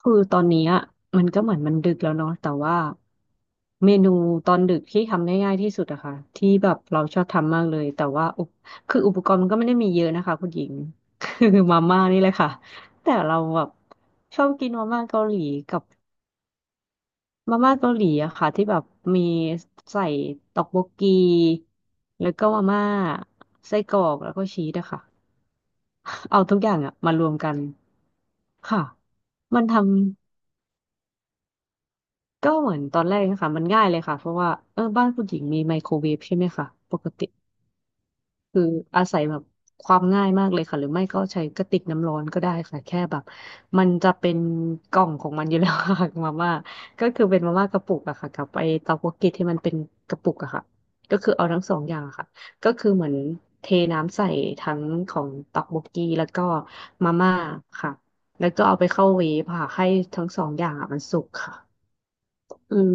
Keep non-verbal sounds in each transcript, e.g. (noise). คือตอนนี้อะมันก็เหมือนมันดึกแล้วเนาะแต่ว่าเมนูตอนดึกที่ทำได้ง่ายที่สุดอะค่ะที่แบบเราชอบทำมากเลยแต่ว่าคืออุปกรณ์มันก็ไม่ได้มีเยอะนะคะคุณหญิงคือมาม่านี่แหละค่ะแต่เราแบบชอบกินมาม่าเกาหลีกับมาม่าเกาหลีอะค่ะที่แบบมีใส่ต็อกโบกกีแล้วก็มาม่าไส้กรอกแล้วก็ชีสอะค่ะเอาทุกอย่างอะมารวมกันค่ะมันทำ ก็เหมือนตอนแรกนะคะมันง่ายเลยค่ะเพราะว่าเออบ้านผู้หญิงมีไมโครเวฟใช่ไหมคะปกติคืออาศัยแบบความง่ายมากเลยค่ะหรือไม่ก็ใช้กระติกน้ำร้อนก็ได้ค่ะแค่แบบมันจะเป็นกล่องของมันอยู่แล้วค่ะ (laughs) มาม่าก็คือเป็นมาม่ากระปุกอะค่ะกับไอเตาโกกิที่มันเป็นกระปุกอะค่ะก็คือเอาทั้งสองอย่างอะค่ะก็คือเหมือนเทน้ำใส่ทั้งของเตักโบกกีแล้วก็มาม่าค่ะแล้วก็เอาไปเข้าเวฟค่ะให้ทั้งสองอย่างอะมันสุกค่ะ อืม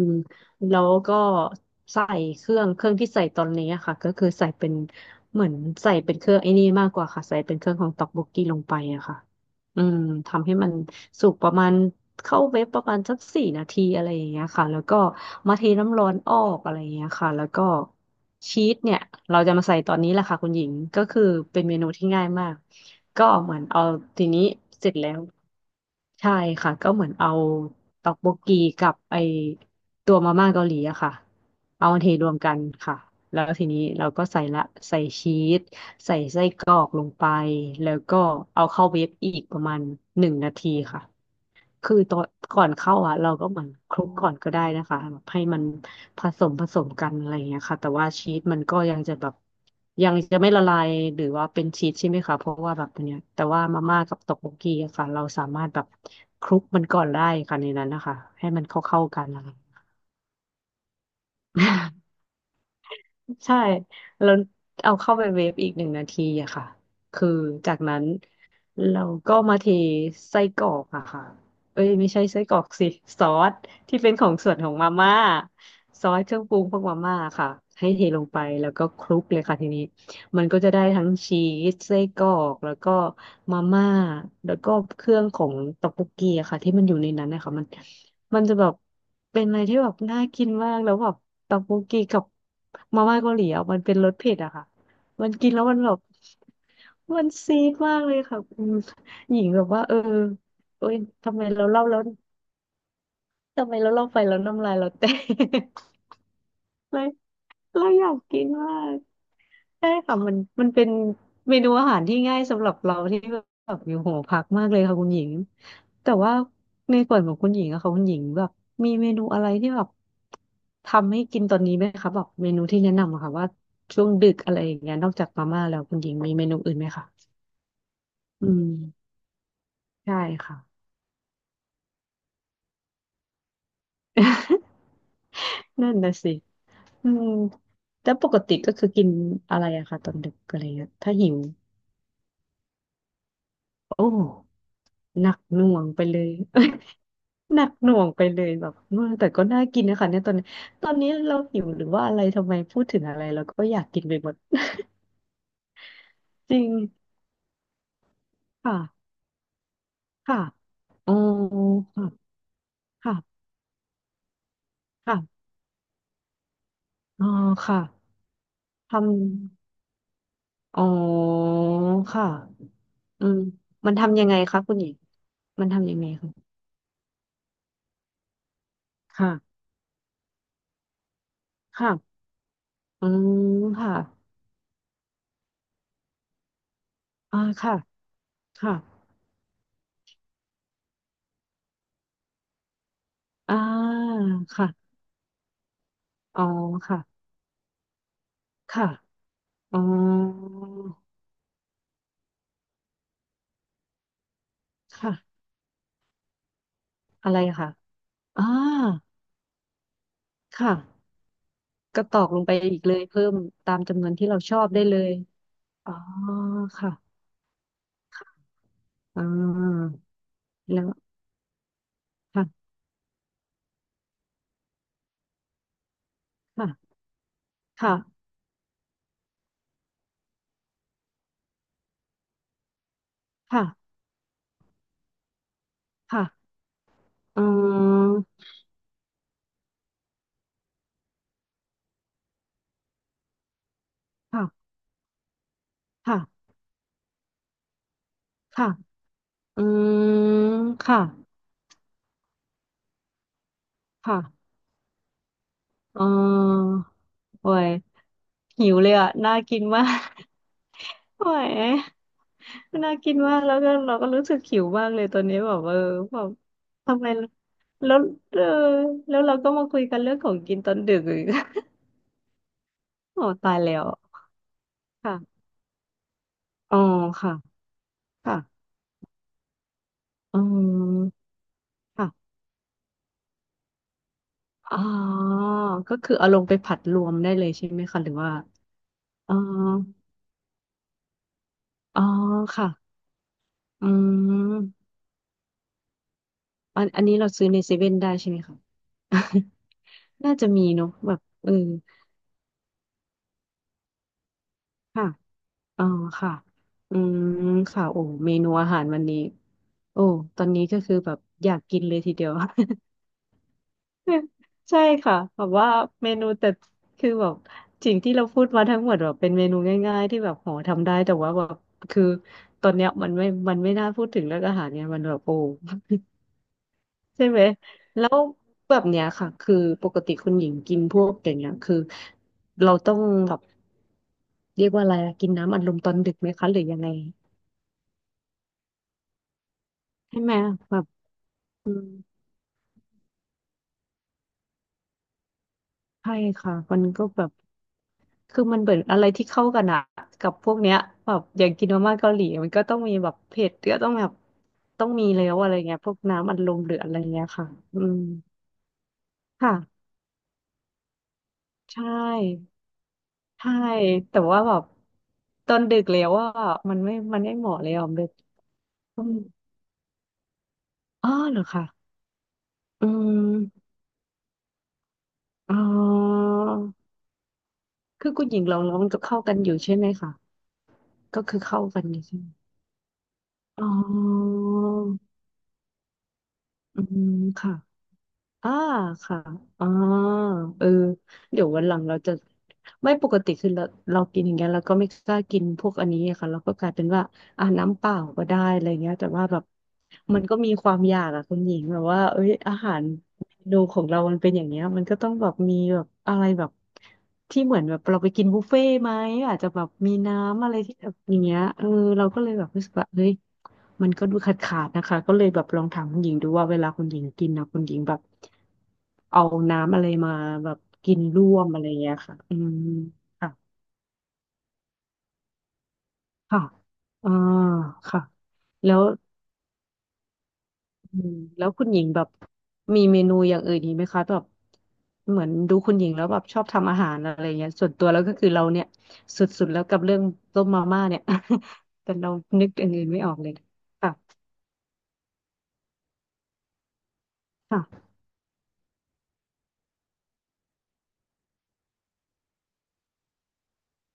แล้วก็ใส่เครื่องที่ใส่ตอนนี้อะค่ะก็คือใส่เป็นเหมือนใส่เป็นเครื่องไอ้นี่มากกว่าค่ะใส่เป็นเครื่องของต็อกโบกกี้ลงไปอะค่ะอืมทำให้มันสุกประมาณเข้าเวฟประมาณสัก4 นาทีอะไรอย่างเงี้ยค่ะแล้วก็มาเทน้ำร้อนออกอะไรอย่างเงี้ยค่ะแล้วก็ชีสเนี่ยเราจะมาใส่ตอนนี้แหละค่ะคุณหญิงก็คือเป็นเมนูที่ง่ายมากก็เหมือนเอาทีนี้เสร็จแล้ว ใช่ค่ะก็เหมือนเอาตอกโบกีกับไอตัวมาม่าเกาหลีอะค่ะเอามาเทรวมกันค่ะแล้วทีนี้เราก็ใส่ละใส่ชีสใส่ไส้กรอกลงไปแล้วก็เอาเข้าเวฟอีกประมาณหนึ่งนาทีค่ะ คือตอนก่อนเข้าอ่ะเราก็เหมือนคลุกก่อนก็ได้นะคะแบบให้มันผสมกันอะไรอย่างเงี้ยค่ะแต่ว่าชีสมันก็ยังจะแบบยังจะไม่ละลายหรือว่าเป็นชีสใช่ไหมคะเพราะว่าแบบเนี้ยแต่ว่ามาม่ากับตอกโบกีอะค่ะเราสามารถแบบคลุกมันก่อนได้ค่ะในนั้นนะคะให้มันเข้ากันนะคะ (laughs) ใช่แล้วเอาเข้าไปเวฟอีกหนึ่งนาทีอะค่ะคือจากนั้น เราก็มาเทไส้กรอกอะค่ะเอ้ยไม่ใช่ไส้กรอกสิซอสที่เป็นของส่วนของมาม่าซอสเครื่องปรุงพวกมาม่าค่ะให้เทลงไปแล้วก็คลุกเลยค่ะทีนี้มันก็จะได้ทั้งชีสไส้กรอกแล้วก็มาม่าแล้วก็เครื่องของต๊อกโบกกีอะค่ะที่มันอยู่ในนั้นนะคะมันจะแบบเป็นอะไรที่แบบน่ากินมากแล้วแบบต๊อกโบกกีกับมาม่าเกาหลีอะมันเป็นรสเผ็ดอะค่ะ มันกินแล้วมันแบบมันซีดมากเลยค่ะคหญิงแบบว่าเออเอ้ยทำไมเราเล่าแล้วทำไมเราเล่าไปแล้วน้ำลายเราแตก เลยเราอยากกินมากใช่ค่ะมันเป็นเมนูอาหารที่ง่ายสำหรับเราที่แบบอยู่หอพักมากเลยค่ะคุณหญิงแต่ว่าในส่วนของคุณหญิงอะค่ะคุณหญิงแบบมีเมนูอะไรที่แบบทำให้กินตอนนี้ไหมคะแบบเมนูที่แนะนำอะค่ะว่าช่วงดึกอะไรอย่างเงี้ยนอกจากมาม่าแล้วคุณหญิงมีเมนูอื่นไหมคะอืมใช่ค่ะ (laughs) นั่นนะสิอืมแล้วปกติก็คือกินอะไรอะคะตอนดึกอะไรเงี้ยถ้าหิวโอ้ หนักหน่วงไปเลย (laughs) หนักหน่วงไปเลยแบบเออแต่ก็น่ากินนะคะเนี่ยตอนนี้ตอนนี้เราหิวหรือว่าอะไรทำไมพูดถึงอะไรเราก็อยากกินไปหมด (laughs) จริงค่ะค่ะอ๋อค่ะค่ะค่ะอ๋อค่ะทำอ๋อค่ะอืมมันทำยังไงคะคุณหญิงมันทำยังไงคะค่ะค่ะอืมค่ะอ่าค่ะค่ะอ่าค่ะอ๋อค่ะค่ะอ๋อ ค่ะอะไรค่ะอ่าค่ะก็ตอกลงไปอีกเลยเพิ่มตามจำนวนที่เราชอบได้เลยอ๋อค่ะอ่าแล้วค่ะค่ะค่ะค่ะค่ะอืมค่ะค่ะค่ะอืมค่ะค่ะ อ๋อโอ้ยหิวเลยอ่ะน่ากินมาก (laughs) โอ้ยน่ากินมากแล้วก็เราก็รู้สึกหิวมากเลยตอนนี้แบบเออแบบทำไมแล้วเออแล้วเราก็มาคุยกันเรื่องของกินตอนดึกอีก (laughs) โอ้ตายแล้วค่ะอ๋อค่ะค่ะอืมค่ะอ๋อก็คือเอาลงไปผัดรวมได้เลยใช่ไหมคะหรือว่าอ๋ออ๋อค่ะอืม อันอันนี้เราซื้อในเซเว่นได้ใช่ไหมคะ (laughs) น่าจะมีเนอะแบบเออค่ะอ๋อค่ะ อืมค่ะโอ้เมนูอาหารวันนี้โอ้ตอนนี้ก็คือแบบอยากกินเลยทีเดียว (laughs) ใช่ค่ะแบบว่าเมนูแต่คือแบบสิ่งที่เราพูดมาทั้งหมดแบบเป็นเมนูง่ายๆที่แบบโหทำได้แต่ว่าแบบคือตอนเนี้ยมันไม่น่าพูดถึงเรื่องอาหารเนี่ยมันแบบโอ้ ใช่ไหมแล้วแบบเนี้ยค่ะคือปกติคุณหญิงกินพวกอย่างเงี้ยคือเราต้องแบบเรียกว่าอะไรอะกินน้ำอัดลมตอนดึกไหมคะหรือยังไงใช่ไหมแบบอืมใช่ค่ะมันก็แบบคือมันเหมือนอะไรที่เข้ากันอะกับพวกเนี้ยแบบอย่างกินมาม่าเกาหลี มันก็ต้องมีแบบเผ็ดก็ต้องแบบต้องมีแล้วอะไรเงี้ยพวกน้ำอัดลมหรืออะไรเงี้ยค่ะอืมค่ะใช่ใช่ แต่ว่าแบบตอนดึกแล้วอ่ะมันไม่เหมาะเลยอ่ะ อืมอ๋อเหรอคะอืมอ๋อคือคุณหญิงเราร้องก็เข้ากันอยู่ใช่ไหมคะก็คือเข้ากันอยู่ใช่ไหมอ๋ออืมค่ะอ่าค่ะอ๋อเออเดี๋ยววันหลังเราจะไม่ปกติคือเรากินอย่างเงี้ยเราก็ไม่กล้ากินพวกอันนี้อะค่ะเราก็กลายเป็นว่าอ่าน้ำเปล่าก็ได้อะไรเงี้ยแต่ว่าแบบมันก็มีความอยากอะคุณหญิงแบบว่าเอ้ยอาหาร นูของเรามันเป็นอย่างเงี้ยมันก็ต้องแบบมีแบบอะไรแบบที่เหมือนแบบเราไปกินบุฟเฟ่ต์ไหมอาจจะแบบมีน้ำอะไรที่แบบอย่างเงี้ยเออเราก็เลยแบบรู้สึกว่าเฮ้ยมันก็ดูขาดนะคะก็เลยแบบลองถามคุณหญิงดูว่าเวลาคุณหญิงกินนะคุณหญิงแบบเอาน้ำอะไรมาแบบกินร่วมอะไรเงี้ยค่ะอืมค่ะค่ะอ่าค่ะแล้ว อืมแล้วคุณหญิงแบบมีเมนูอย่างอื่นอีกไหมคะแบบเหมือนดูคุณหญิงแล้วแบบชอบทำอาหารอะไรเงี้ยส่วนตัวแล้วก็คือเราเนี่ยสุดๆแล้วกับเรื่องต้มมาม่าเนี่ย (laughs) แต่เรานึกอย่างอื่นไม่ออกเลยค่ะค่ะ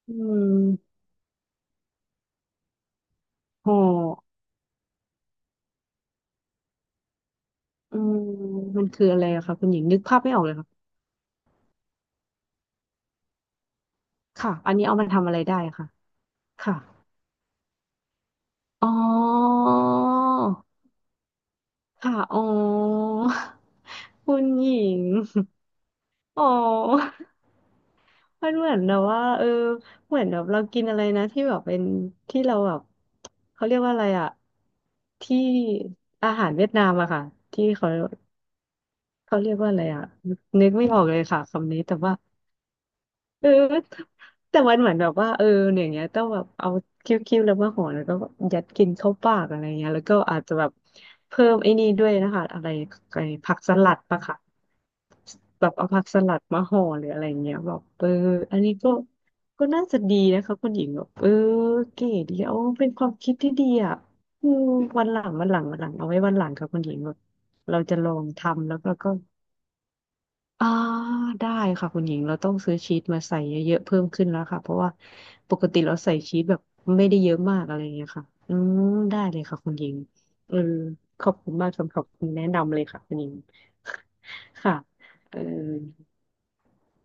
อืมห่ออืมมันคืออะไรอะคะคุณหญิงนึกภาพไม่ออกเลยค่ะค่ะอันนี้เอามาทำอะไรได้ค่ะค่ะอ๋อค่ะอ๋อ (laughs) คุณหญิงอ๋อ มันเหมือนแบบว่าเออเหมือนแบบเรากินอะไรนะที่แบบเป็นที่เราแบบเขาเรียกว่าอะไรอะที่อาหารเวียดนามอะค่ะที่เขาเขาเรียกว่าอะไรอะนึกไม่ออกเลยค่ะคำนี้แต่ว่า เออแต่มันเหมือนแบบว่าเนี่ยอย่างเงี้ยต้องแบบเอาคิ้วๆแล้วมาห่อแล้วก็ยัดกินเข้าปากอะไรเงี้ยแล้วก็อาจจะแบบเพิ่มไอ้นี่ด้วยนะคะอะไรไอ้ผักสลัดปะค่ะแบบเอาผักสลัดมาห่อหรืออะไรเงี้ยแบบเอออันนี้ก็ก็น่าจะดีนะคะคุณหญิงแบบเออเก๋ดีเอาเป็นความคิดที่ดีอ่ะอืมวันหลังเอาไว้วันหลังค่ะคุณหญิงแบบเราจะลองทำแล้วก็ อ่าได้ค่ะคุณหญิงเราต้องซื้อชีสมาใส่เยอะๆเพิ่มขึ้นแล้วค่ะเพราะว่าปกติเราใส่ชีสแบบไม่ได้เยอะมากอะไรอย่างเงี้ยค่ะอืมได้เลยค่ะคุณหญิงเออขอบคุณมากสำหรับคำแนะนำเลยค่ะคุณหญิง (laughs) ค่ะเออ